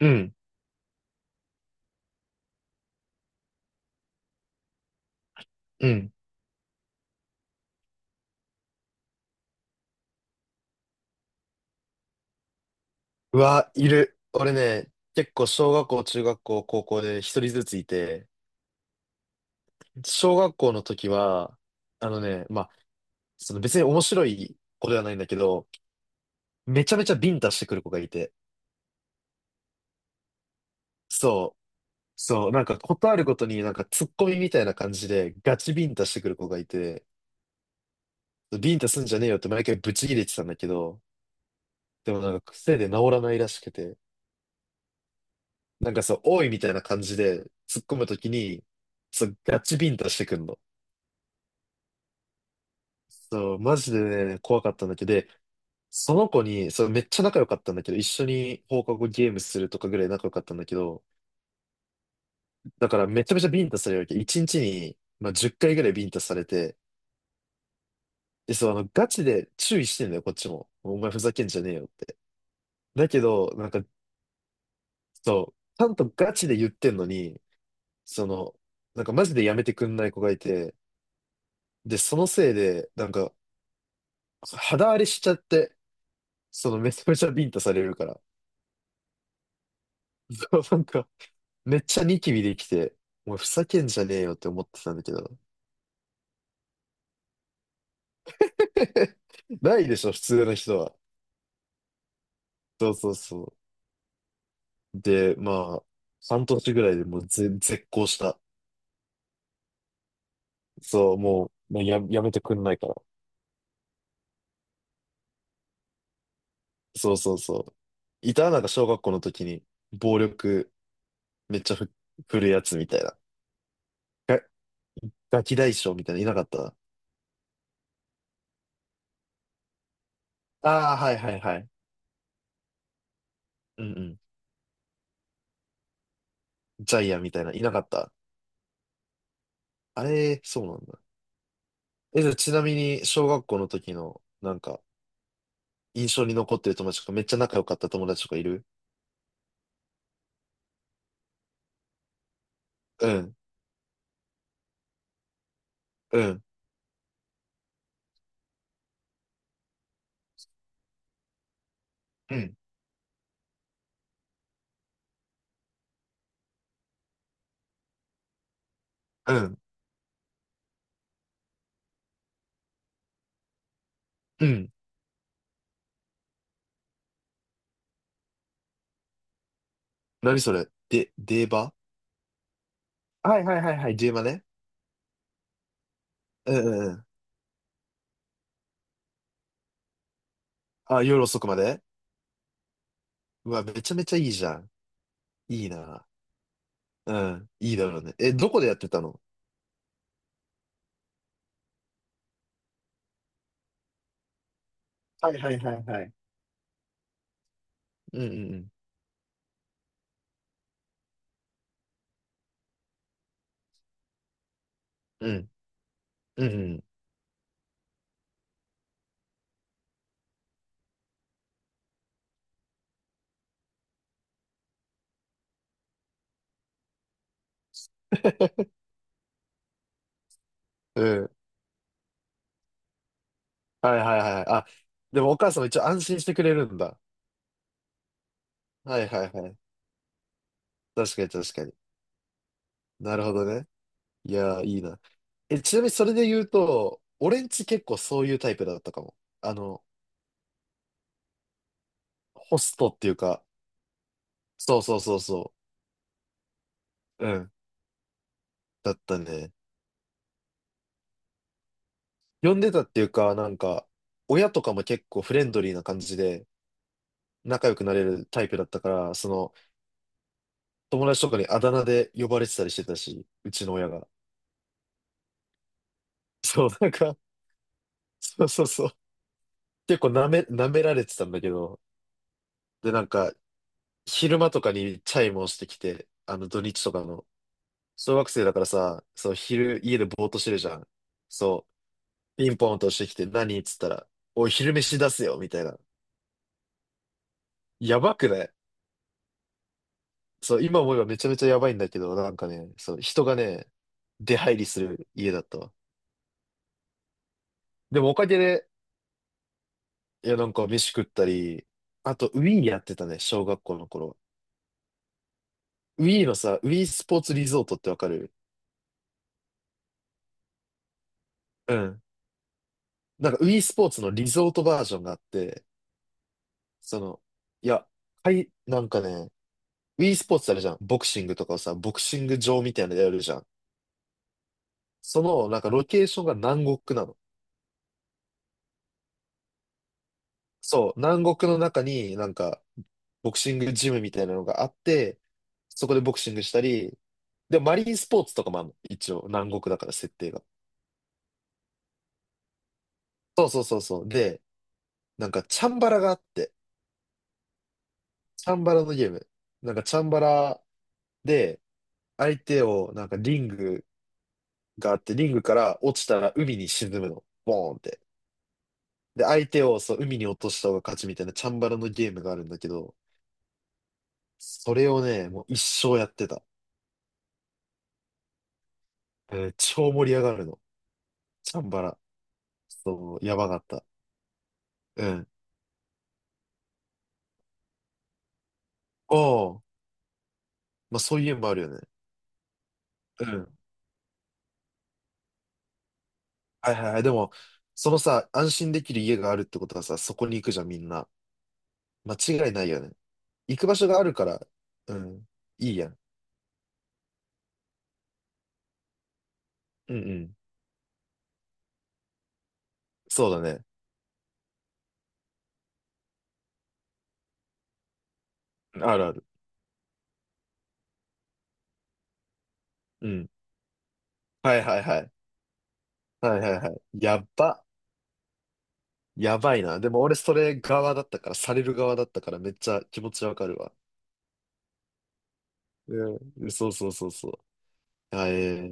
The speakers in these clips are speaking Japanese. うん、うん。うわ、いる。俺ね、結構小学校、中学校、高校で一人ずついて、小学校の時は、あのね、まあ、その別に面白い子ではないんだけど、めちゃめちゃビンタしてくる子がいて、そう、そう、なんかことあるごとになんかツッコミみたいな感じでガチビンタしてくる子がいて、ビンタすんじゃねえよって毎回ブチ切れてたんだけど、でもなんか癖で治らないらしくて、おいみたいな感じで突っ込むときに、そう、ガチビンタしてくんの。そう、マジでね、怖かったんだけど、でその子に、そう、めっちゃ仲良かったんだけど、一緒に放課後ゲームするとかぐらい仲良かったんだけど、だからめちゃめちゃビンタされるわけ。一日に、10回ぐらいビンタされて、で、そう、あの、ガチで注意してんだよ、こっちも。お前ふざけんじゃねえよって。だけど、なんか、そう、ちゃんとガチで言ってんのに、その、マジでやめてくんない子がいて、で、そのせいで、肌荒れしちゃって、そのめちゃめちゃビンタされるから。そう、なんか、めっちゃニキビできて、もうふざけんじゃねえよって思ってたんだけど。ないでしょ、普通の人は。そうそうそう。で、まあ、半年ぐらいでもう絶交した。そう、もう、まあや、やめてくんないから。そうそうそう。なんか小学校の時に、暴力めっちゃふ、振るやつみたいな。が、ガキ大将みたいな、いなかった？ああー、はいはいはい。うんうん。ジャイアンみたいな、いなかった？あれ、そうなんだ。え、じゃあちなみに、小学校の時の、なんか、印象に残ってる友達とか、めっちゃ仲良かった友達とかいる？うん、うん、うん、うん、うん。何それで、デーバ？はいはいはいはい、デーバね。うんうんうん。あ、夜遅くまで？うわ、めちゃめちゃいいじゃん。いいな。うん、いいだろうね。え、どこでやってたの？はいはいはいはい。うんうんうん。うん、うん、うん。うん。はいはいはい。あ、でもお母さんも一応安心してくれるんだ。はいはいはい。確かに確かに。なるほどね。いやー、いいな。え、ちなみにそれで言うと、俺んち結構そういうタイプだったかも。あの、ホストっていうか、そうそうそうそう。うん。だったね。呼んでたっていうか、なんか、親とかも結構フレンドリーな感じで仲良くなれるタイプだったから、その、友達とかにあだ名で呼ばれてたりしてたし、うちの親が。そう、なんか、そうそうそう。結構なめ、舐められてたんだけど、で、なんか、昼間とかにチャイムをしてきて、あの、土日とかの。小学生だからさ、そう、昼家でぼーっとしてるじゃん。そう、ピンポンとしてきて何っつったら、おい、昼飯出せよみたいな。やばくない？そう、今思えばめちゃめちゃやばいんだけど、人がね、出入りする家だったわ。でもおかげで、飯食ったり、あと、ウィーやってたね、小学校の頃。ウィーのさ、ウィースポーツリゾートってわかる？うん。なんか、ウィースポーツのリゾートバージョンがあって、その、いや、はい、なんかね、e スポーツあるじゃん。ボクシングとかをさ、ボクシング場みたいなのやるじゃん。その、なんかロケーションが南国なの。そう、南国の中になんか、ボクシングジムみたいなのがあって、そこでボクシングしたり、で、マリンスポーツとかもあるの。一応、南国だから設定が。そうそうそうそう。で、なんかチャンバラがあって、チャンバラのゲーム。なんかチャンバラで、相手を、なんかリングがあって、リングから落ちたら海に沈むの。ボーンって。で、相手をそう、海に落とした方が勝ちみたいなチャンバラのゲームがあるんだけど、それをね、もう一生やってた。うん、超盛り上がるの。チャンバラ。そう、やばかった。うん。おー、まあそういうのもあるよね。うん。はいはいはい。でも、そのさ、安心できる家があるってことはさ、そこに行くじゃん、みんな。間違いないよね。行く場所があるから、うん、いいやん。うんうん。そうだね。あるある。うん。はいはいはい。はいはいはい。やっば。やばいな。でも俺それ側だったから、される側だったからめっちゃ気持ちわかるわ。うん。そうそうそうそう。あ、ええ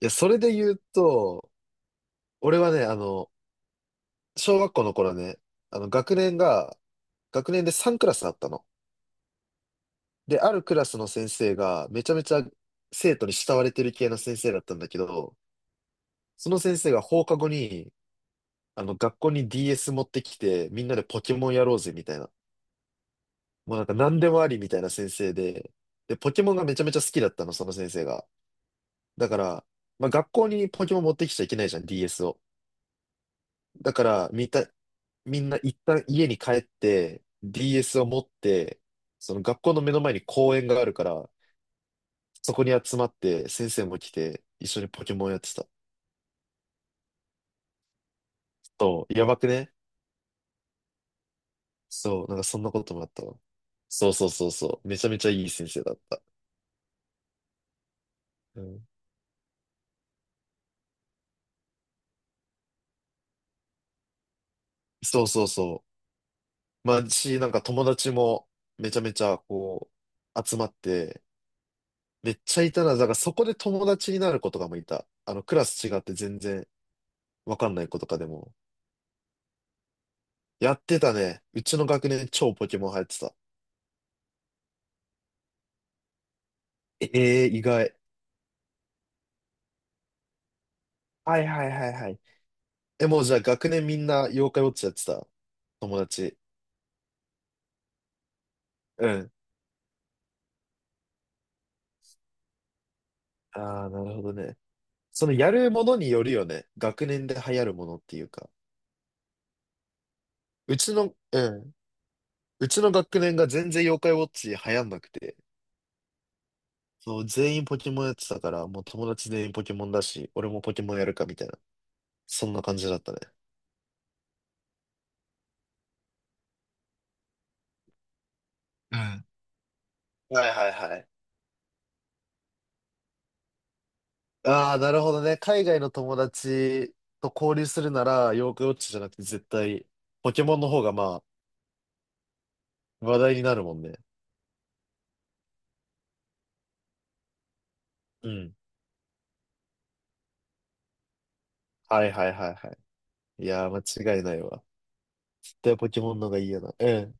いや、それで言うと、俺はね、あの、小学校の頃ね、あの、学年が、学年で3クラスあったの。で、あるクラスの先生が、めちゃめちゃ生徒に慕われてる系の先生だったんだけど、その先生が放課後に、あの、学校に DS 持ってきて、みんなでポケモンやろうぜ、みたいな。もうなんか何でもありみたいな先生で、で、ポケモンがめちゃめちゃ好きだったの、その先生が。だから、まあ、学校にポケモン持ってきちゃいけないじゃん、DS を。だから、みた、みんな一旦家に帰って、DS を持って、その学校の目の前に公園があるから、そこに集まって、先生も来て、一緒にポケモンやってた。そう、やばくね？そう、なんかそんなこともあったわ。そうそうそうそう。めちゃめちゃいい先生だった。うん、そうそうそう。なんか友達もめちゃめちゃこう、集まって、めっちゃいたな。だからそこで友達になる子とかもいた。あの、クラス違って全然わかんない子とかでも。やってたね。うちの学年超ポケモン流行ってた。ええー、意外。はいはいはいはい。え、もうじゃあ学年みんな妖怪ウォッチやってた？友達。うん。ああ、なるほどね。そのやるものによるよね。学年で流行るものっていうか。うちの、うん。うちの学年が全然妖怪ウォッチ流行んなくて。そう、全員ポケモンやってたから、もう友達全員ポケモンだし、俺もポケモンやるかみたいな。そんな感じだったね。うん。はいはいはい。ああ、なるほどね。海外の友達と交流するなら、ヨークウォッチじゃなくて絶対、ポケモンの方がまあ、話題になるもんね。うん。はいはいはいはい。いやー、間違いないわ。絶対ポケモンの方がいいよな。うん。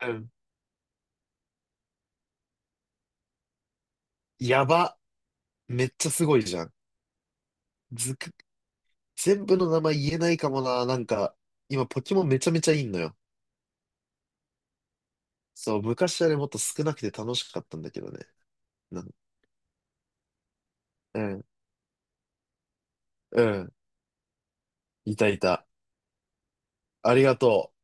うん。やば。めっちゃすごいじゃん。ずく、全部の名前言えないかもな。なんか、今ポケモンめちゃめちゃいいのよ。そう、昔はね、もっと少なくて楽しかったんだけどね。なん、うん、うん、いたいた。ありがとう。